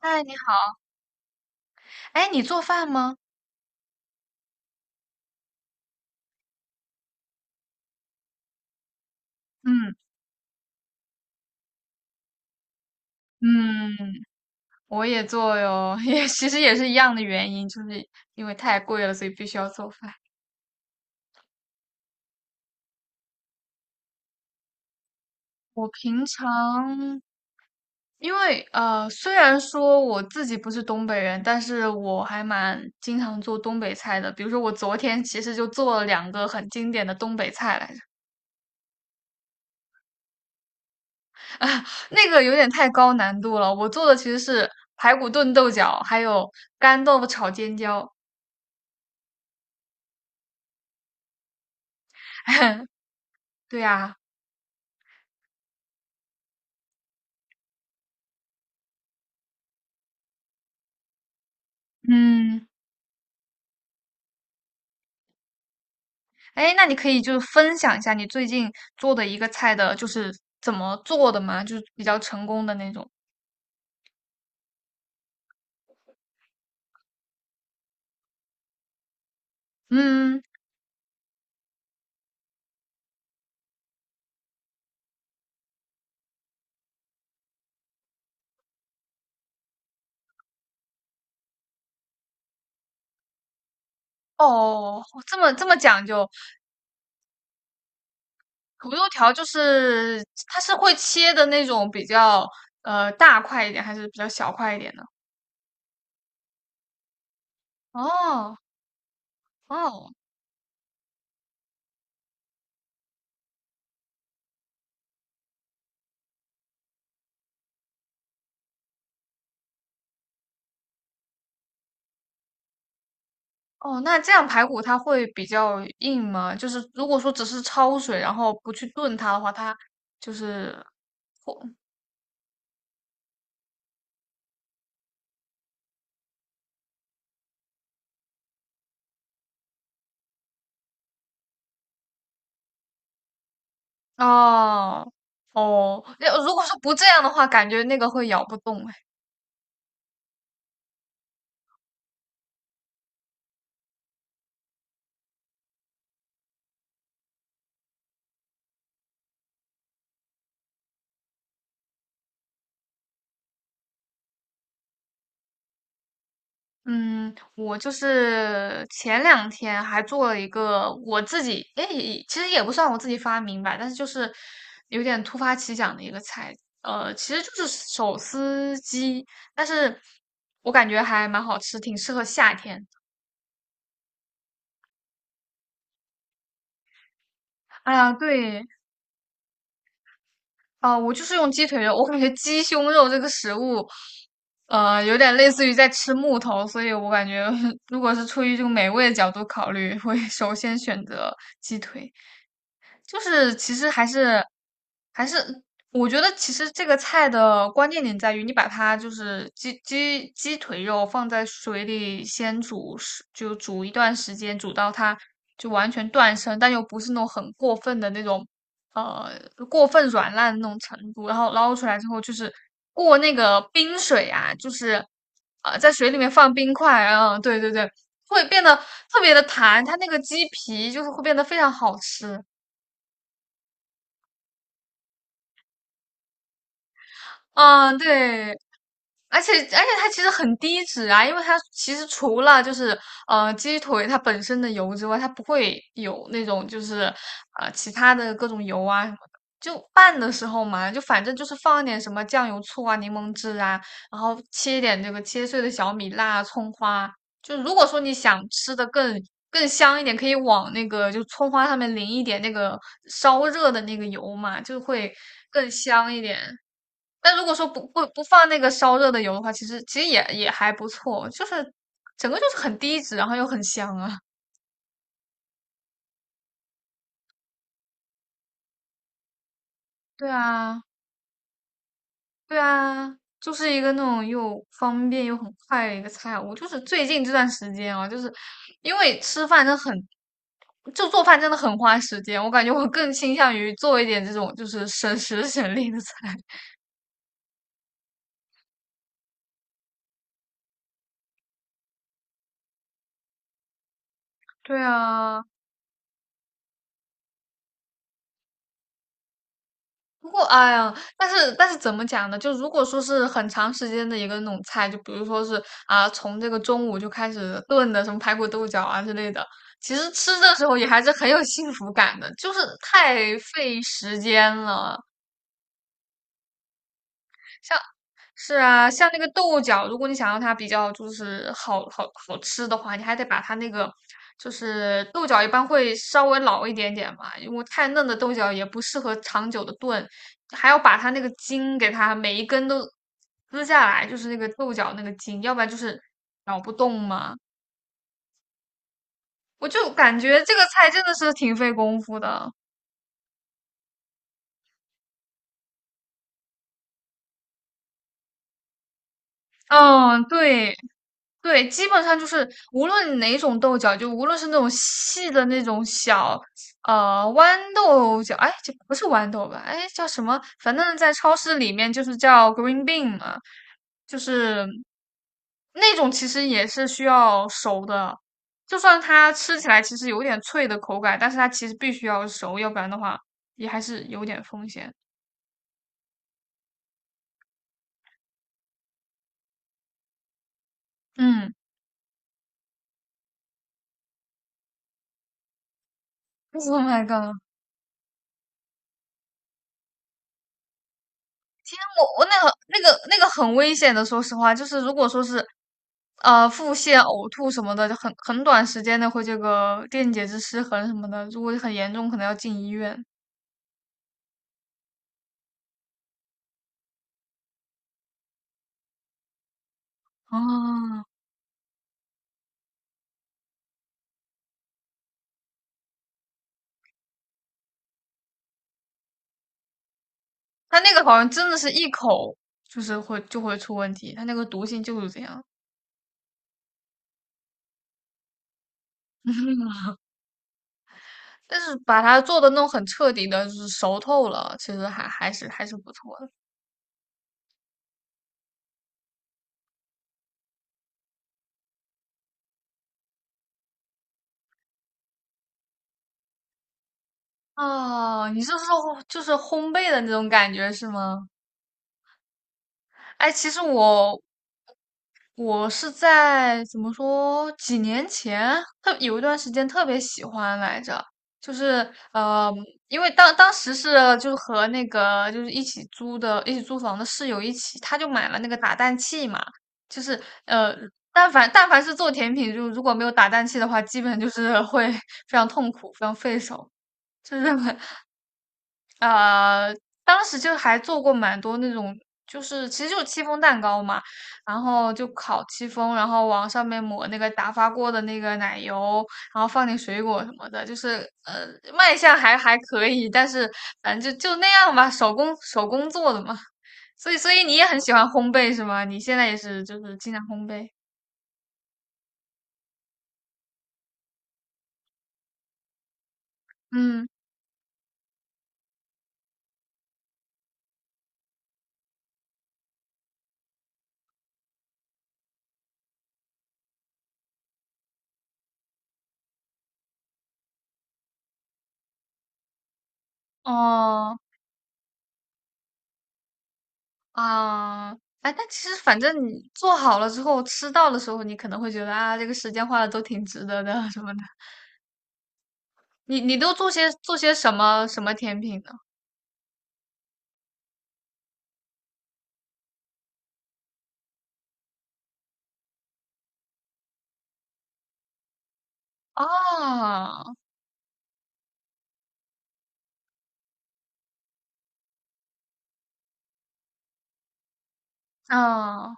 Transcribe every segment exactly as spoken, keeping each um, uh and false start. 嗨，你好。哎，你做饭吗？嗯嗯，我也做哟，也其实也是一样的原因，就是因为太贵了，所以必须要做饭。我平常因为呃，虽然说我自己不是东北人，但是我还蛮经常做东北菜的。比如说，我昨天其实就做了两个很经典的东北菜来着，啊，那个有点太高难度了。我做的其实是排骨炖豆角，还有干豆腐炒尖椒。对呀，嗯。哎，那你可以就是分享一下你最近做的一个菜的，就是怎么做的吗？就是比较成功的那种。嗯，哦，这么这么讲究，土豆条就是它是会切的那种比较呃大块一点，还是比较小块一点的？哦哦哦，那这样排骨它会比较硬吗？就是如果说只是焯水，然后不去炖它的话，它就是哦。哦，那如果说不这样的话，感觉那个会咬不动哎。嗯，我就是前两天还做了一个我自己，哎，其实也不算我自己发明吧，但是就是有点突发奇想的一个菜，呃，其实就是手撕鸡，但是我感觉还蛮好吃，挺适合夏天。哎呀，对，啊，我就是用鸡腿肉，我感觉鸡胸肉这个食物，呃，有点类似于在吃木头，所以我感觉 如果是出于这个美味的角度考虑，会首先选择鸡腿。就是其实还是还是，我觉得其实这个菜的关键点在于，你把它就是鸡鸡鸡腿肉放在水里先煮十，就煮一段时间，煮到它就完全断生，但又不是那种很过分的那种，呃，过分软烂的那种程度。然后捞出来之后，就是过那个冰水啊，就是呃，在水里面放冰块，嗯，对对对，会变得特别的弹，它那个鸡皮就是会变得非常好吃。嗯，对，而且而且它其实很低脂啊，因为它其实除了就是呃鸡腿它本身的油之外，它不会有那种就是呃其他的各种油啊什么的。就拌的时候嘛，就反正就是放一点什么酱油、醋啊、柠檬汁啊，然后切一点这个切碎的小米辣啊、葱花。就如果说你想吃的更更香一点，可以往那个就葱花上面淋一点那个烧热的那个油嘛，就会更香一点。但如果说不不不放那个烧热的油的话，其实其实也也还不错，就是整个就是很低脂，然后又很香啊。对啊，对啊，就是一个那种又方便又很快的一个菜。我就是最近这段时间啊，就是因为吃饭真的很，就做饭真的很花时间。我感觉我更倾向于做一点这种就是省时省力的菜。对啊，不过，哎呀，但是但是怎么讲呢？就如果说是很长时间的一个那种菜，就比如说是啊，从这个中午就开始炖的，什么排骨豆角啊之类的，其实吃的时候也还是很有幸福感的，就是太费时间了。像。是啊，像那个豆角，如果你想要它比较就是好好好吃的话，你还得把它那个就是豆角一般会稍微老一点点嘛，因为太嫩的豆角也不适合长久的炖，还要把它那个筋给它每一根都撕下来，就是那个豆角那个筋，要不然就是咬不动嘛。我就感觉这个菜真的是挺费功夫的。嗯，对。对，基本上就是无论哪种豆角，就无论是那种细的那种小，呃，豌豆角，哎，这不是豌豆吧？哎，叫什么？反正在超市里面就是叫 green bean 嘛，就是那种其实也是需要熟的，就算它吃起来其实有点脆的口感，但是它其实必须要熟，要不然的话也还是有点风险。嗯，Oh my god!我我那个那个那个很危险的，说实话，就是如果说是，呃，腹泻、呕吐什么的，就很很短时间内会这个电解质失衡什么的，如果很严重，可能要进医院。啊，他那个好像真的是一口就是会就会出问题，他那个毒性就是这样。但是把它做的弄很彻底的，就是熟透了，其实还还是还是不错的。啊，你是说就是烘焙的那种感觉是吗？哎，其实我我是在怎么说几年前，特有一段时间特别喜欢来着，就是呃，因为当当时是就是和那个就是一起租的一起租房的室友一起，他就买了那个打蛋器嘛，就是呃，但凡但凡是做甜品，就如果没有打蛋器的话，基本就是会 非常痛苦，非常费手，就是呃，当时就还做过蛮多那种，就是其实就是戚风蛋糕嘛，然后就烤戚风，然后往上面抹那个打发过的那个奶油，然后放点水果什么的，就是呃卖相还还可以，但是反正就就那样吧，手工手工做的嘛。所以所以你也很喜欢烘焙是吗？你现在也是就是经常烘焙，嗯，哦。啊，哎，但其实反正你做好了之后，吃到的时候，你可能会觉得啊，这个时间花的都挺值得的 什么的。你你都做些做些什么什么甜品呢？啊啊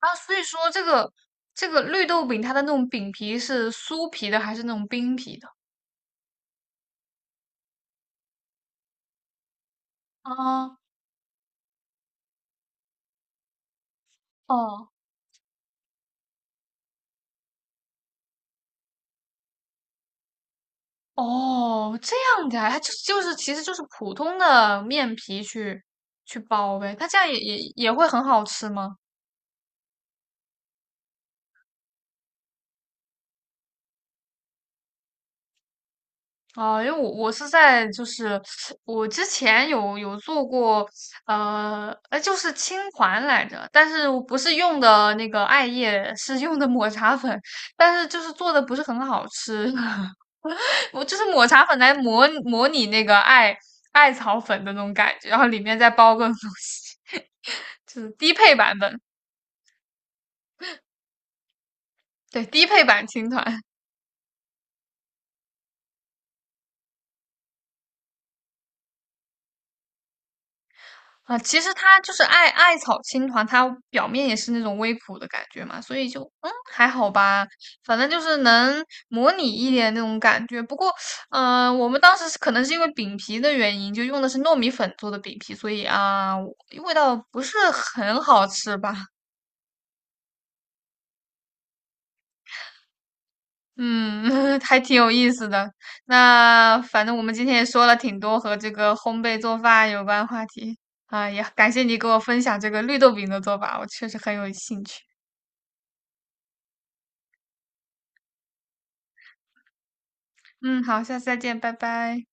啊！所以说这个这个绿豆饼，它的那种饼皮是酥皮的还是那种冰皮的？啊哦哦，这样的啊，它就就是其实就是普通的面皮去去包呗，它这样也也也会很好吃吗？哦，因为我我是在就是我之前有有做过，呃，呃，就是青团来着，但是我不是用的那个艾叶，是用的抹茶粉，但是就是做的不是很好吃，我就是抹茶粉来模模拟那个艾艾草粉的那种感觉，然后里面再包个东西，就是低配版本，对，低配版青团。啊，其实它就是艾艾草青团，它表面也是那种微苦的感觉嘛，所以就嗯还好吧，反正就是能模拟一点那种感觉。不过，嗯、我们当时是可能是因为饼皮的原因，就用的是糯米粉做的饼皮，所以啊，我味道不是很好吃吧。嗯，还挺有意思的。那反正我们今天也说了挺多和这个烘焙做饭有关话题啊，也感谢你给我分享这个绿豆饼的做法，我确实很有兴趣。嗯，好，下次再见，拜拜。